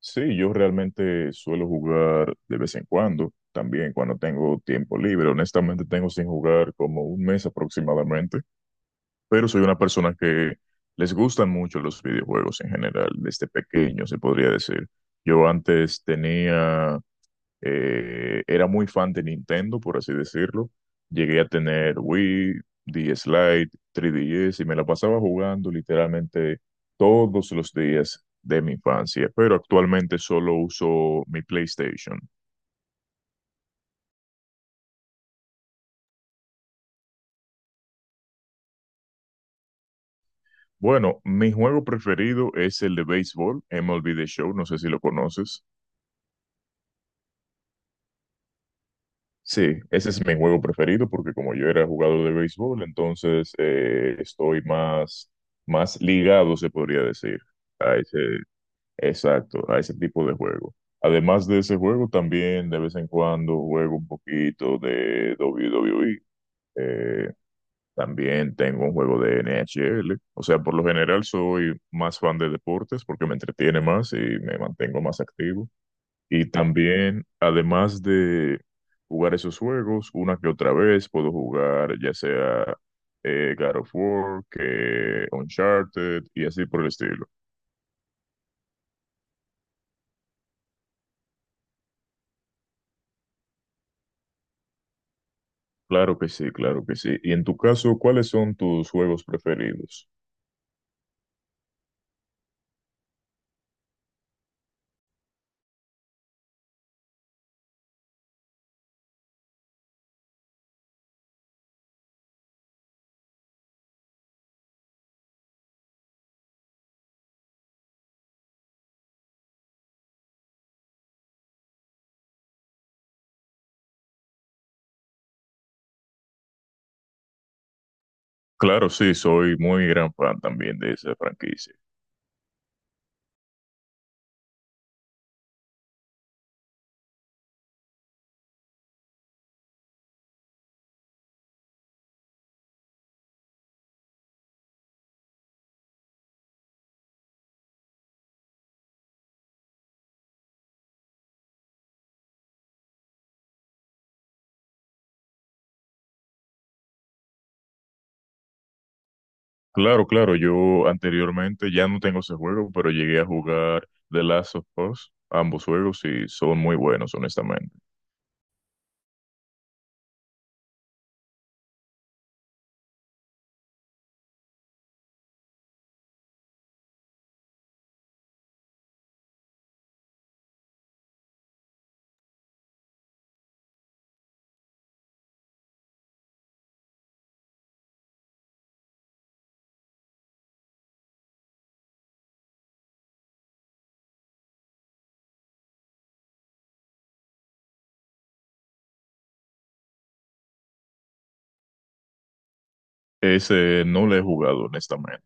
Sí, yo realmente suelo jugar de vez en cuando, también cuando tengo tiempo libre. Honestamente, tengo sin jugar como un mes aproximadamente, pero soy una persona que les gustan mucho los videojuegos en general, desde pequeño, se podría decir. Yo antes tenía era muy fan de Nintendo, por así decirlo. Llegué a tener Wii, DS Lite, 3DS y me la pasaba jugando literalmente todos los días de mi infancia, pero actualmente solo uso mi PlayStation. Bueno, mi juego preferido es el de béisbol, MLB The Show, no sé si lo conoces. Sí, ese es mi juego preferido porque como yo era jugador de béisbol, entonces estoy más, más ligado, se podría decir, a ese, exacto, a ese tipo de juego. Además de ese juego, también de vez en cuando juego un poquito de WWE. eh, También tengo un juego de NHL. O sea, por lo general soy más fan de deportes porque me entretiene más y me mantengo más activo. Y también, además de jugar esos juegos, una que otra vez puedo jugar ya sea God of War, que Uncharted y así por el estilo. Claro que sí, claro que sí. Y en tu caso, ¿cuáles son tus juegos preferidos? Claro, sí, soy muy gran fan también de esa franquicia. Claro, claro, yo anteriormente ya no tengo ese juego, pero llegué a jugar The Last of Us, ambos juegos, y son muy buenos, honestamente. Ese no lo he jugado, honestamente.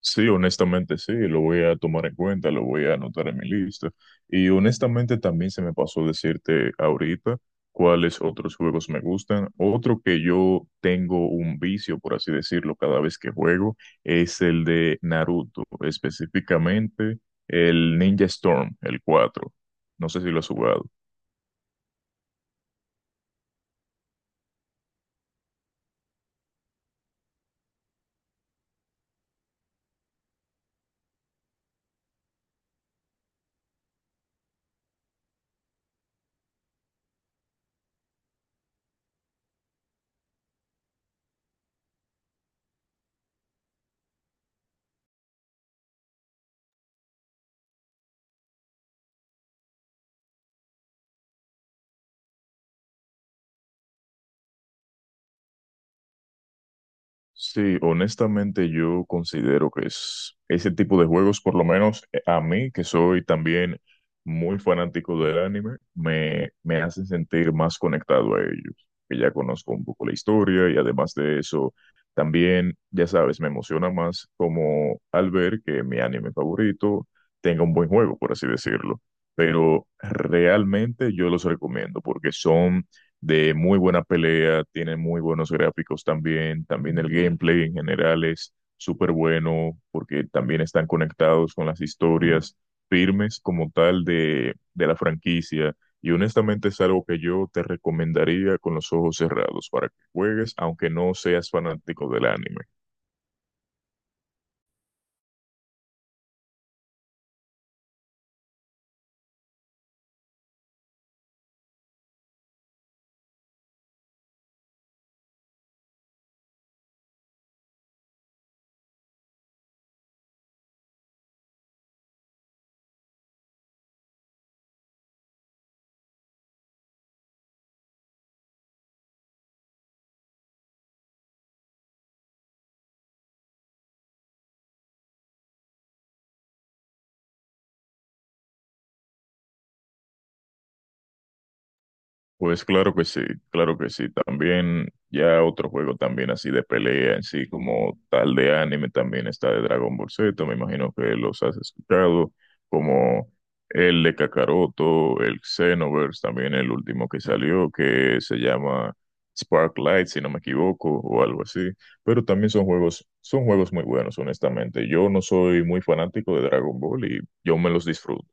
Sí, honestamente sí, lo voy a tomar en cuenta, lo voy a anotar en mi lista. Y honestamente también se me pasó decirte ahorita cuáles otros juegos me gustan. Otro que yo tengo un vicio, por así decirlo, cada vez que juego es el de Naruto, específicamente el Ninja Storm, el 4. No sé si lo has jugado. Sí, honestamente yo considero que es ese tipo de juegos, por lo menos a mí, que soy también muy fanático del anime, me hacen sentir más conectado a ellos, que ya conozco un poco la historia y además de eso, también, ya sabes, me emociona más como al ver que mi anime favorito tenga un buen juego, por así decirlo. Pero realmente yo los recomiendo porque son de muy buena pelea, tiene muy buenos gráficos también, también el gameplay en general es súper bueno porque también están conectados con las historias firmes como tal de la franquicia y honestamente es algo que yo te recomendaría con los ojos cerrados para que juegues aunque no seas fanático del anime. Pues claro que sí, claro que sí. También ya otro juego también así de pelea en sí como tal de anime también está de Dragon Ball Z, me imagino que los has escuchado, como el de Kakaroto, el Xenoverse, también el último que salió que se llama Sparklight, si no me equivoco, o algo así. Pero también son juegos muy buenos, honestamente. Yo no soy muy fanático de Dragon Ball y yo me los disfruto.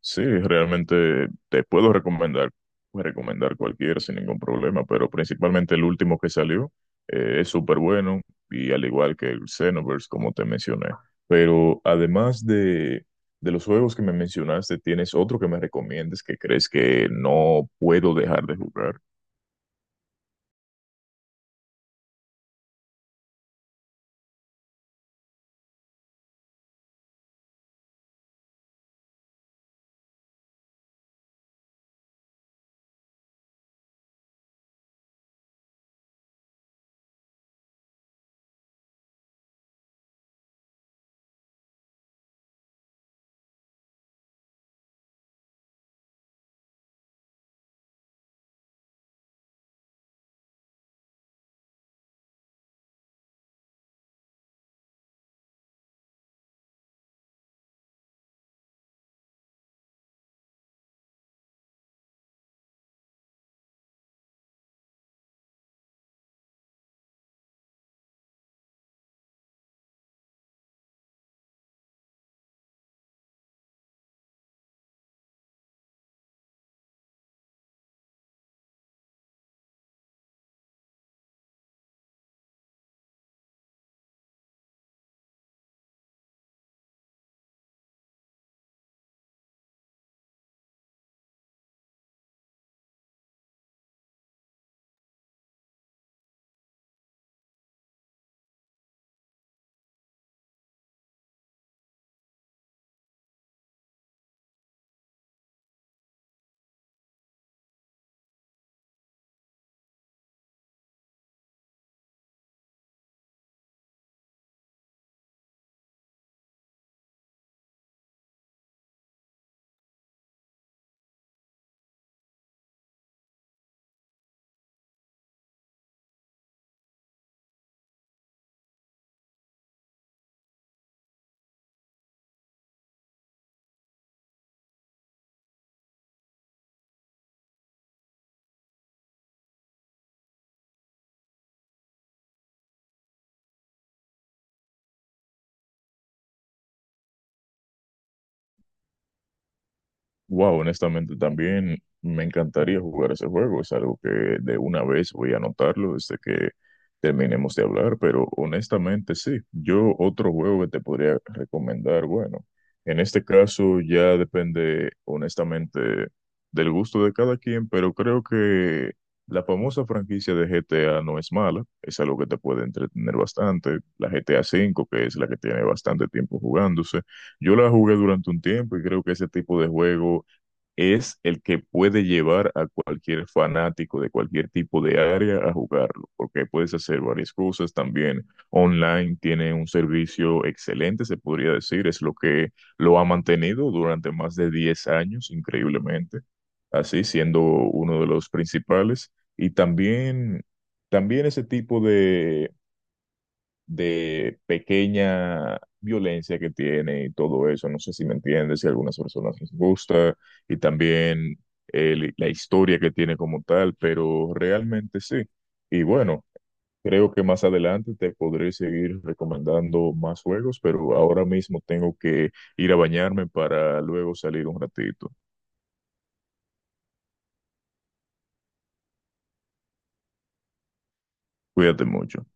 Sí, realmente te puedo recomendar cualquier sin ningún problema, pero principalmente el último que salió es súper bueno y al igual que el Xenoverse, como te mencioné. Pero además de los juegos que me mencionaste, ¿tienes otro que me recomiendes que crees que no puedo dejar de jugar? Wow, honestamente también me encantaría jugar ese juego. Es algo que de una vez voy a anotarlo desde que terminemos de hablar, pero honestamente sí. Yo otro juego que te podría recomendar, bueno, en este caso ya depende honestamente del gusto de cada quien, pero creo que la famosa franquicia de GTA no es mala. Es algo que te puede entretener bastante. La GTA V, que es la que tiene bastante tiempo jugándose. Yo la jugué durante un tiempo y creo que ese tipo de juego es el que puede llevar a cualquier fanático de cualquier tipo de área a jugarlo, porque puedes hacer varias cosas también. Online tiene un servicio excelente, se podría decir, es lo que lo ha mantenido durante más de 10 años, increíblemente, así siendo uno de los principales. Y también, también ese tipo de pequeña violencia que tiene y todo eso. No sé si me entiendes, si a algunas personas les gusta y también la historia que tiene como tal, pero realmente sí. Y bueno, creo que más adelante te podré seguir recomendando más juegos, pero ahora mismo tengo que ir a bañarme para luego salir un ratito. Cuídate mucho.